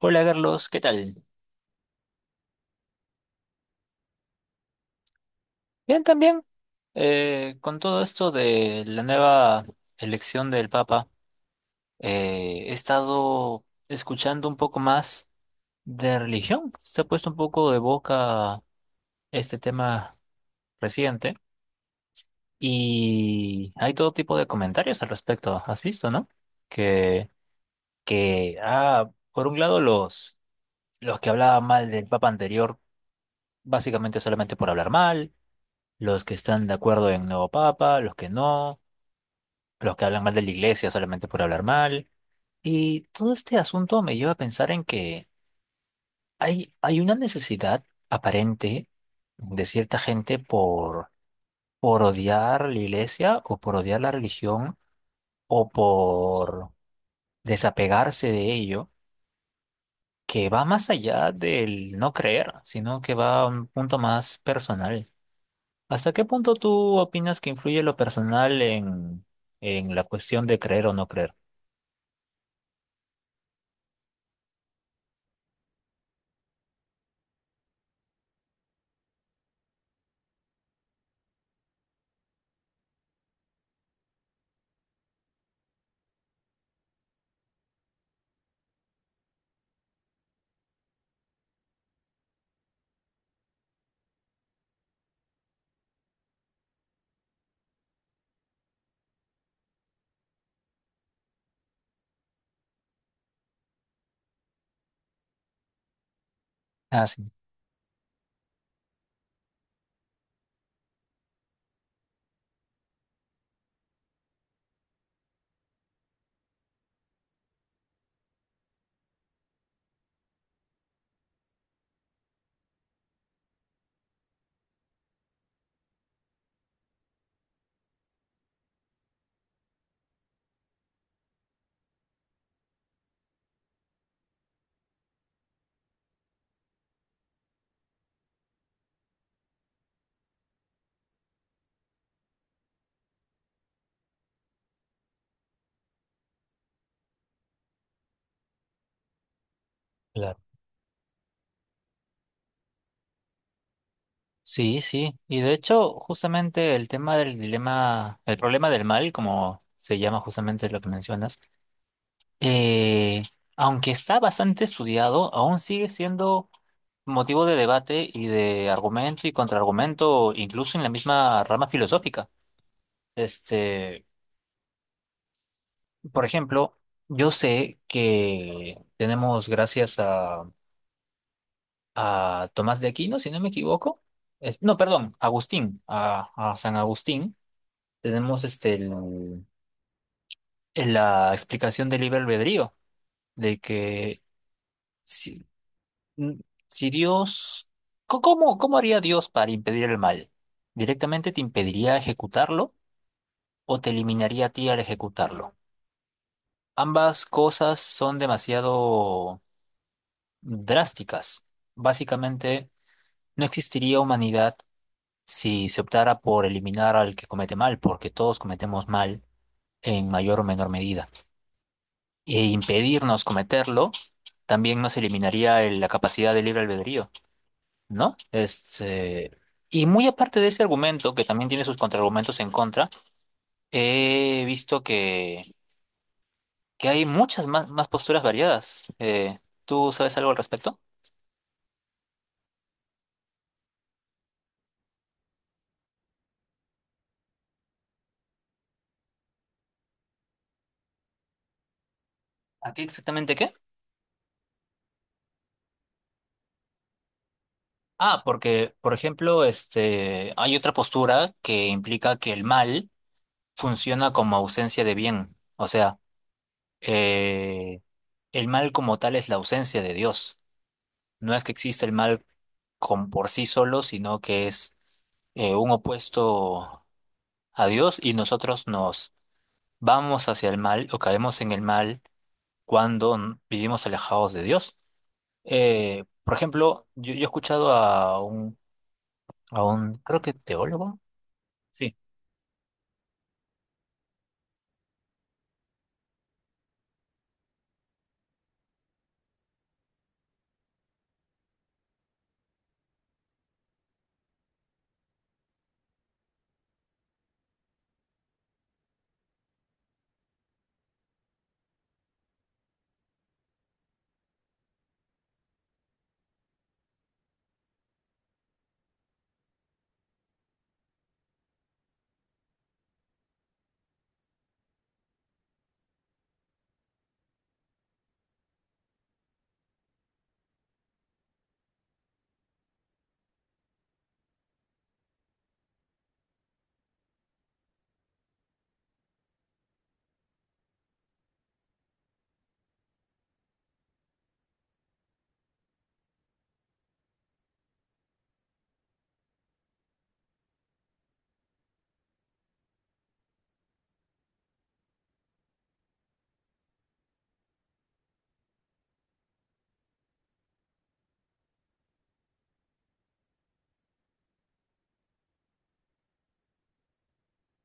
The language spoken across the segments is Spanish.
Hola Carlos, ¿qué tal? Bien, también. Con todo esto de la nueva elección del Papa, he estado escuchando un poco más de religión. Se ha puesto un poco de boca este tema reciente y hay todo tipo de comentarios al respecto. ¿Has visto, no? Que, que, por un lado los que hablaban mal del Papa anterior, básicamente solamente por hablar mal. Los que están de acuerdo en nuevo papa, los que no, los que hablan mal de la iglesia solamente por hablar mal. Y todo este asunto me lleva a pensar en que hay una necesidad aparente de cierta gente por odiar la iglesia o por odiar la religión o por desapegarse de ello, que va más allá del no creer, sino que va a un punto más personal. ¿Hasta qué punto tú opinas que influye lo personal en la cuestión de creer o no creer? Ah, sí. Claro. Sí, sí. Y de hecho, justamente el tema del dilema, el problema del mal, como se llama justamente lo que mencionas, eh, aunque está bastante estudiado, aún sigue siendo motivo de debate y de argumento y contraargumento, incluso en la misma rama filosófica. Este, por ejemplo, yo sé que tenemos, gracias a Tomás de Aquino, si no me equivoco. No, perdón, Agustín, a San Agustín, tenemos la explicación del libre albedrío, de que si, n- si Dios, ¿cómo, cómo haría Dios para impedir el mal? ¿Directamente te impediría ejecutarlo o te eliminaría a ti al ejecutarlo? Ambas cosas son demasiado drásticas. Básicamente, no existiría humanidad si se optara por eliminar al que comete mal, porque todos cometemos mal en mayor o menor medida, e impedirnos cometerlo, también nos eliminaría la capacidad de libre albedrío, ¿no? Y muy aparte de ese argumento, que también tiene sus contraargumentos en contra, he visto que hay muchas más posturas variadas. ¿Tú sabes algo al respecto? ¿A qué exactamente qué? Ah, porque, por ejemplo, este, hay otra postura que implica que el mal funciona como ausencia de bien. O sea, eh, el mal como tal es la ausencia de Dios. No es que exista el mal con, por sí solo, sino que es un opuesto a Dios y nosotros nos vamos hacia el mal o caemos en el mal cuando vivimos alejados de Dios. Por ejemplo, yo he escuchado a un, creo que teólogo. Sí,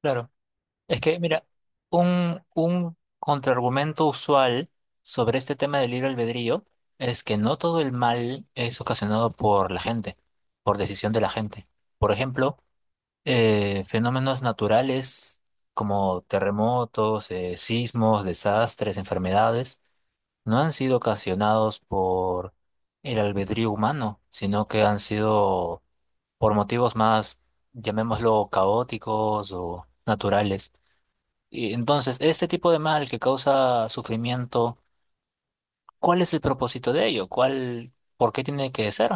claro. Es que, mira, un contraargumento usual sobre este tema del libre albedrío es que no todo el mal es ocasionado por la gente, por decisión de la gente. Por ejemplo, fenómenos naturales como terremotos, sismos, desastres, enfermedades, no han sido ocasionados por el albedrío humano, sino que han sido por motivos más, llamémoslo, caóticos o naturales. Y entonces, este tipo de mal que causa sufrimiento, ¿cuál es el propósito de ello? ¿Cuál, por qué tiene que ser?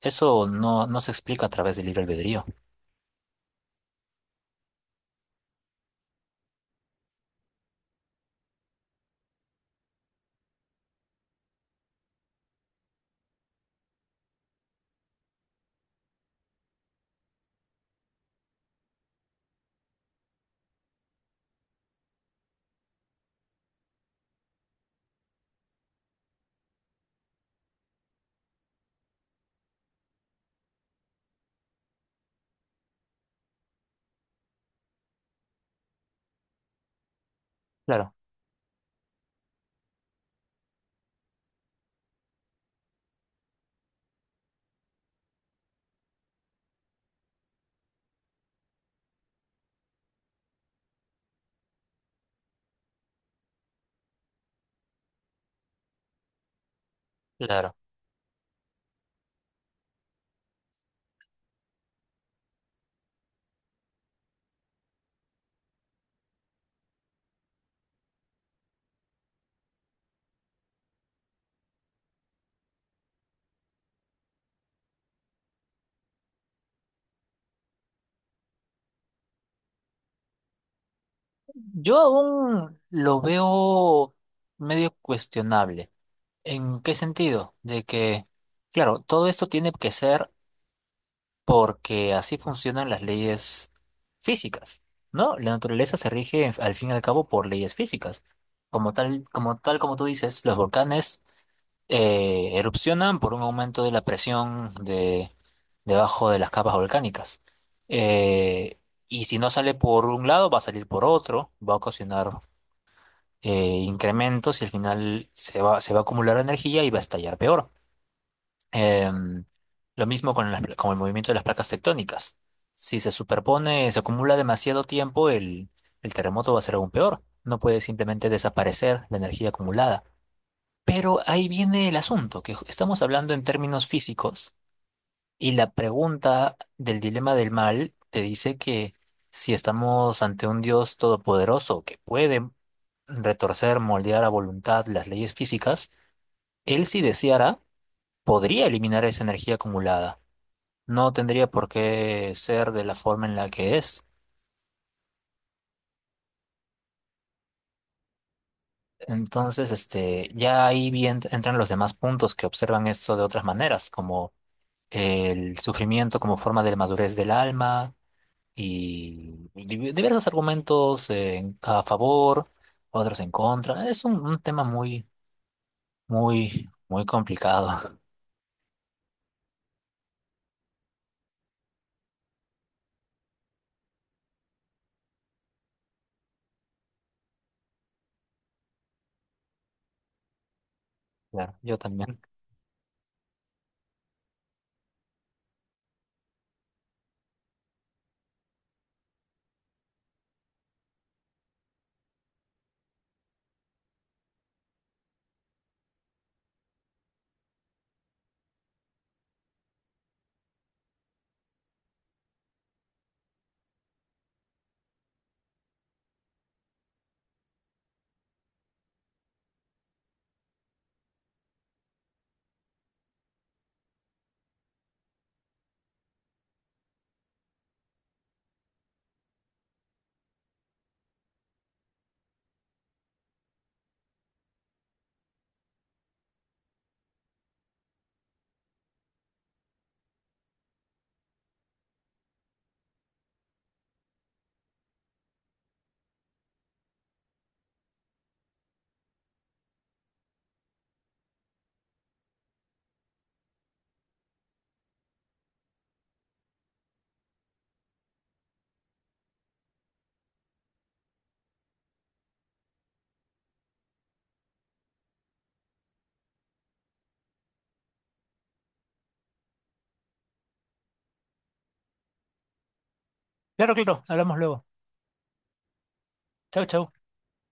Eso no se explica a través del libre albedrío. Claro, claro. Yo aún lo veo medio cuestionable. ¿En qué sentido? De que, claro, todo esto tiene que ser porque así funcionan las leyes físicas, ¿no? La naturaleza se rige al fin y al cabo por leyes físicas. Como tal, como tal como tú dices, los volcanes erupcionan por un aumento de la presión de, debajo de las capas volcánicas. Eh, y si no sale por un lado, va a salir por otro, va a ocasionar incrementos y al final se va a acumular energía y va a estallar peor. Em, lo mismo con el movimiento de las placas tectónicas. Si se superpone, se acumula demasiado tiempo, el terremoto va a ser aún peor. No puede simplemente desaparecer la energía acumulada. Pero ahí viene el asunto, que estamos hablando en términos físicos y la pregunta del dilema del mal te dice que si estamos ante un Dios todopoderoso que puede retorcer, moldear a voluntad las leyes físicas, él si deseara podría eliminar esa energía acumulada. No tendría por qué ser de la forma en la que es. Entonces, este, ya ahí bien entran los demás puntos que observan esto de otras maneras, como el sufrimiento como forma de madurez del alma y diversos argumentos a favor, otros en contra. Es un tema muy, muy, muy complicado. Claro, yo también. Claro, claro, hablamos luego. Chau, chau.